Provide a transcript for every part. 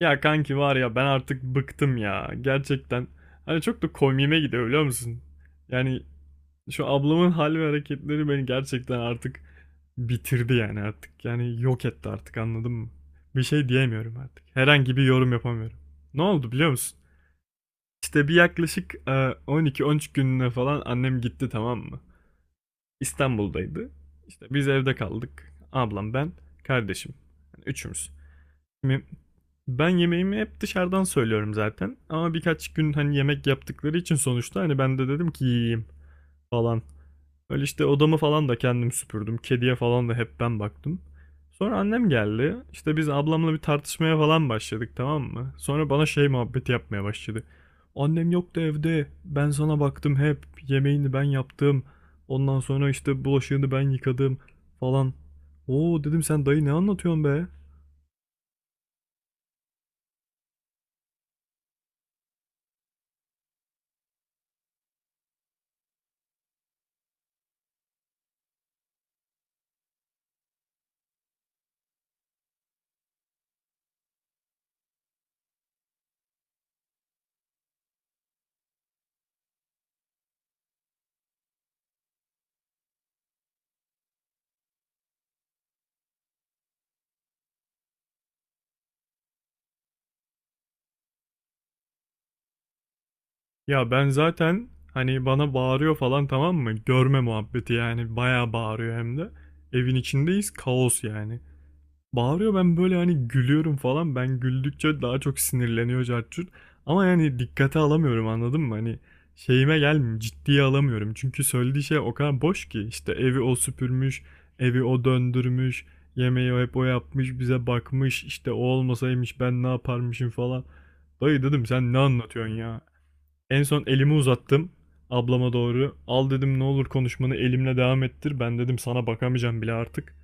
Ya kanki var ya ben artık bıktım ya gerçekten. Hani çok da komiğime gidiyor biliyor musun? Yani şu ablamın hal ve hareketleri beni gerçekten artık bitirdi yani artık. Yani yok etti artık anladın mı? Bir şey diyemiyorum artık. Herhangi bir yorum yapamıyorum. Ne oldu biliyor musun? İşte bir yaklaşık 12-13 gününe falan annem gitti, tamam mı? İstanbul'daydı. İşte biz evde kaldık. Ablam, ben, kardeşim. Yani üçümüz. Şimdi ben yemeğimi hep dışarıdan söylüyorum zaten. Ama birkaç gün hani yemek yaptıkları için sonuçta hani ben de dedim ki yiyeyim falan. Öyle işte odamı falan da kendim süpürdüm. Kediye falan da hep ben baktım. Sonra annem geldi. İşte biz ablamla bir tartışmaya falan başladık, tamam mı? Sonra bana şey muhabbeti yapmaya başladı. Annem yoktu evde. Ben sana baktım hep. Yemeğini ben yaptım. Ondan sonra işte bulaşığını ben yıkadım falan. Oo dedim, sen dayı ne anlatıyorsun be? Ya ben zaten hani bana bağırıyor falan, tamam mı? Görme muhabbeti, yani bayağı bağırıyor hem de. Evin içindeyiz, kaos yani. Bağırıyor, ben böyle hani gülüyorum falan. Ben güldükçe daha çok sinirleniyor, cartçut. Ama yani dikkate alamıyorum anladın mı? Hani şeyime gelmiyor, ciddiye alamıyorum. Çünkü söylediği şey o kadar boş ki. İşte evi o süpürmüş, evi o döndürmüş, yemeği o hep o yapmış, bize bakmış. İşte o olmasaymış ben ne yaparmışım falan. Dayı dedim, sen ne anlatıyorsun ya? En son elimi uzattım ablama doğru. Al dedim, ne olur konuşmanı elimle devam ettir. Ben dedim sana bakamayacağım bile artık.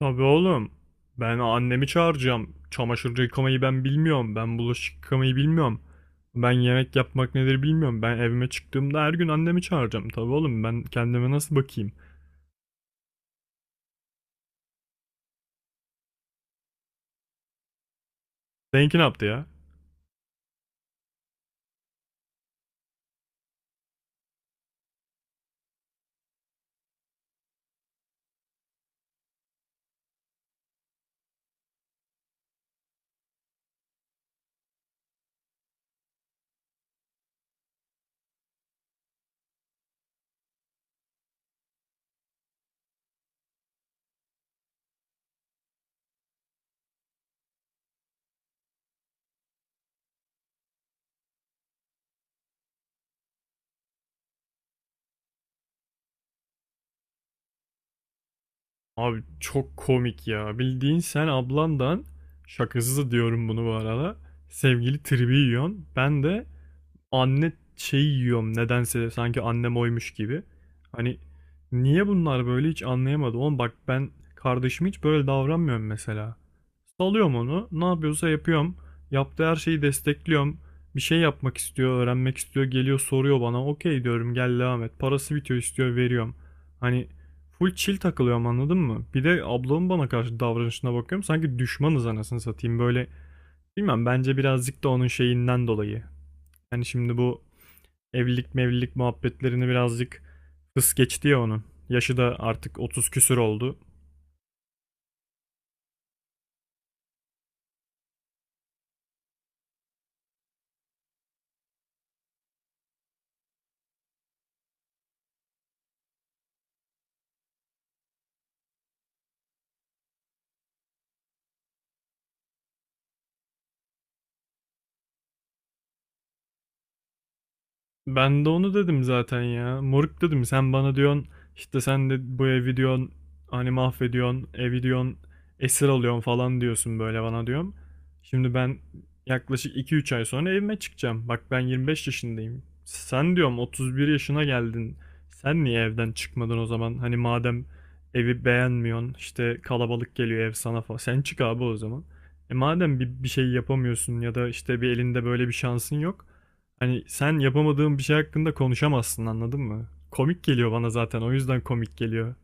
Tabii oğlum. Ben annemi çağıracağım. Çamaşır yıkamayı ben bilmiyorum. Ben bulaşık yıkamayı bilmiyorum. Ben yemek yapmak nedir bilmiyorum. Ben evime çıktığımda her gün annemi çağıracağım. Tabii oğlum, ben kendime nasıl bakayım? Seninki ne yaptı ya? Abi çok komik ya. Bildiğin sen ablandan, şakasız diyorum bunu bu arada, sevgili tribi yiyorsun. Ben de anne şeyi yiyorum nedense, sanki annem oymuş gibi. Hani niye bunlar böyle hiç anlayamadım. Oğlum bak, ben kardeşim hiç böyle davranmıyorum mesela. Salıyorum onu, ne yapıyorsa yapıyorum. Yaptığı her şeyi destekliyorum. Bir şey yapmak istiyor, öğrenmek istiyor, geliyor soruyor bana. Okey diyorum, gel devam et. Parası bitiyor, istiyor, veriyorum. Hani full chill takılıyorum anladın mı? Bir de ablamın bana karşı davranışına bakıyorum. Sanki düşmanız anasını satayım böyle. Bilmem, bence birazcık da onun şeyinden dolayı. Yani şimdi bu evlilik mevlilik muhabbetlerini birazcık hız geçti ya onun. Yaşı da artık 30 küsür oldu. Ben de onu dedim zaten ya. Moruk dedim, sen bana diyorsun işte, sen de bu evi diyorsun hani mahvediyorsun evi diyorsun esir alıyorsun falan diyorsun böyle bana diyorum. Şimdi ben yaklaşık iki üç ay sonra evime çıkacağım. Bak ben 25 yaşındayım. Sen diyorum 31 yaşına geldin. Sen niye evden çıkmadın o zaman? Hani madem evi beğenmiyorsun, işte kalabalık geliyor ev sana falan. Sen çık abi o zaman. E madem bir şey yapamıyorsun ya da işte bir elinde böyle bir şansın yok. Hani sen yapamadığın bir şey hakkında konuşamazsın anladın mı? Komik geliyor bana, zaten o yüzden komik geliyor.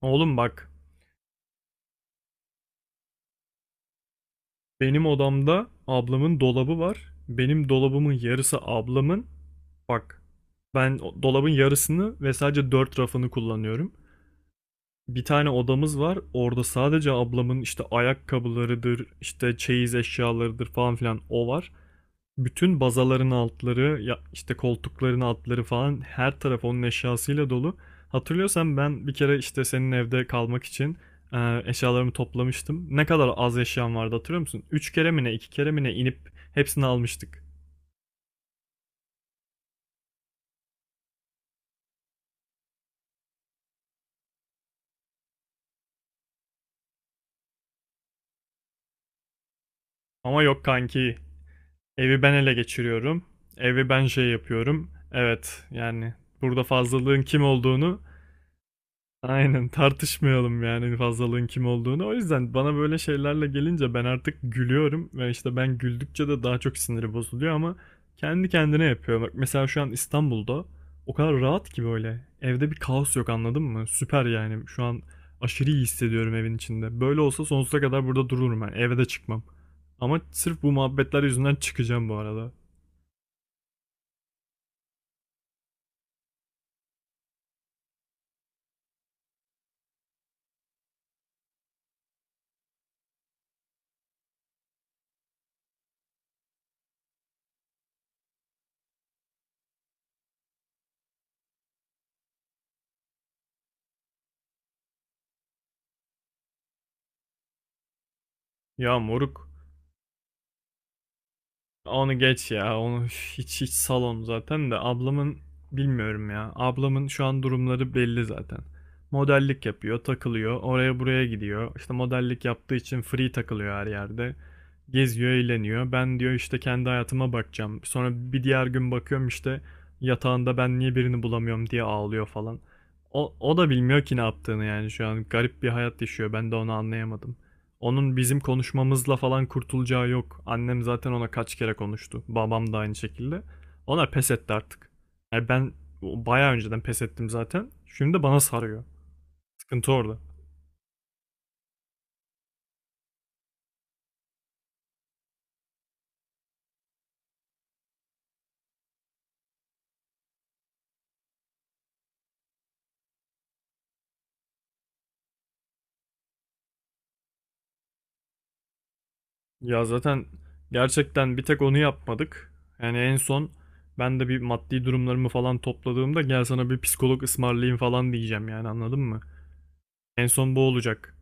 Oğlum bak, benim odamda ablamın dolabı var. Benim dolabımın yarısı ablamın. Bak ben dolabın yarısını ve sadece 4 rafını kullanıyorum. Bir tane odamız var. Orada sadece ablamın işte ayakkabılarıdır, işte çeyiz eşyalarıdır falan filan o var. Bütün bazaların altları, ya işte koltukların altları falan, her taraf onun eşyasıyla dolu. Hatırlıyorsan ben bir kere işte senin evde kalmak için eşyalarımı toplamıştım. Ne kadar az eşyam vardı hatırlıyor musun? 3 kere mi ne, 2 kere mi ne inip hepsini almıştık. Ama yok kanki, evi ben ele geçiriyorum. Evi ben şey yapıyorum. Evet yani burada fazlalığın kim olduğunu, aynen, tartışmayalım yani fazlalığın kim olduğunu. O yüzden bana böyle şeylerle gelince ben artık gülüyorum ve işte ben güldükçe de daha çok siniri bozuluyor, ama kendi kendine yapıyor. Bak mesela şu an İstanbul'da o kadar rahat ki böyle. Evde bir kaos yok anladın mı? Süper yani. Şu an aşırı iyi hissediyorum evin içinde. Böyle olsa sonsuza kadar burada dururum ben. Eve de çıkmam. Ama sırf bu muhabbetler yüzünden çıkacağım bu arada. Ya moruk, onu geç ya. Onu hiç hiç salon zaten de ablamın, bilmiyorum ya. Ablamın şu an durumları belli zaten. Modellik yapıyor, takılıyor, oraya buraya gidiyor. İşte modellik yaptığı için free takılıyor her yerde. Geziyor, eğleniyor. Ben diyor işte kendi hayatıma bakacağım. Sonra bir diğer gün bakıyorum, işte yatağında ben niye birini bulamıyorum diye ağlıyor falan. O da bilmiyor ki ne yaptığını, yani şu an garip bir hayat yaşıyor. Ben de onu anlayamadım. Onun bizim konuşmamızla falan kurtulacağı yok. Annem zaten ona kaç kere konuştu. Babam da aynı şekilde. Onlar pes etti artık. Yani ben bayağı önceden pes ettim zaten. Şimdi bana sarıyor. Sıkıntı orada. Ya zaten gerçekten bir tek onu yapmadık. Yani en son ben de bir maddi durumlarımı falan topladığımda, gel sana bir psikolog ısmarlayayım falan diyeceğim yani, anladın mı? En son bu olacak.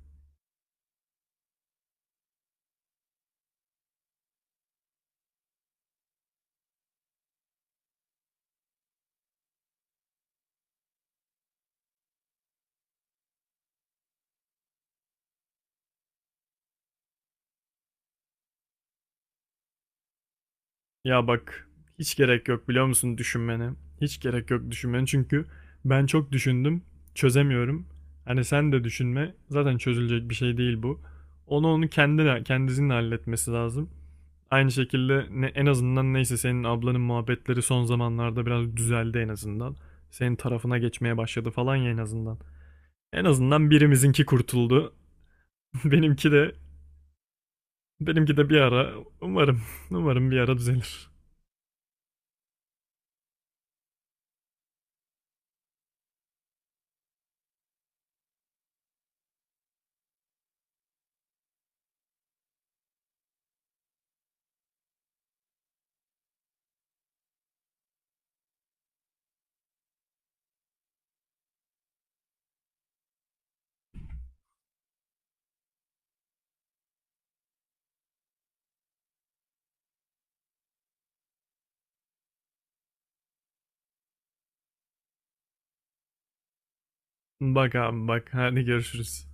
Ya bak, hiç gerek yok biliyor musun düşünmene. Hiç gerek yok düşünmene çünkü ben çok düşündüm, çözemiyorum. Hani sen de düşünme, zaten çözülecek bir şey değil bu. Onu kendine kendisinin halletmesi lazım. Aynı şekilde ne, en azından neyse, senin ablanın muhabbetleri son zamanlarda biraz düzeldi en azından. Senin tarafına geçmeye başladı falan ya, en azından. En azından birimizinki kurtuldu. Benimki de benimki de bir ara, umarım umarım bir ara düzelir. Bak abi bak, hadi görüşürüz.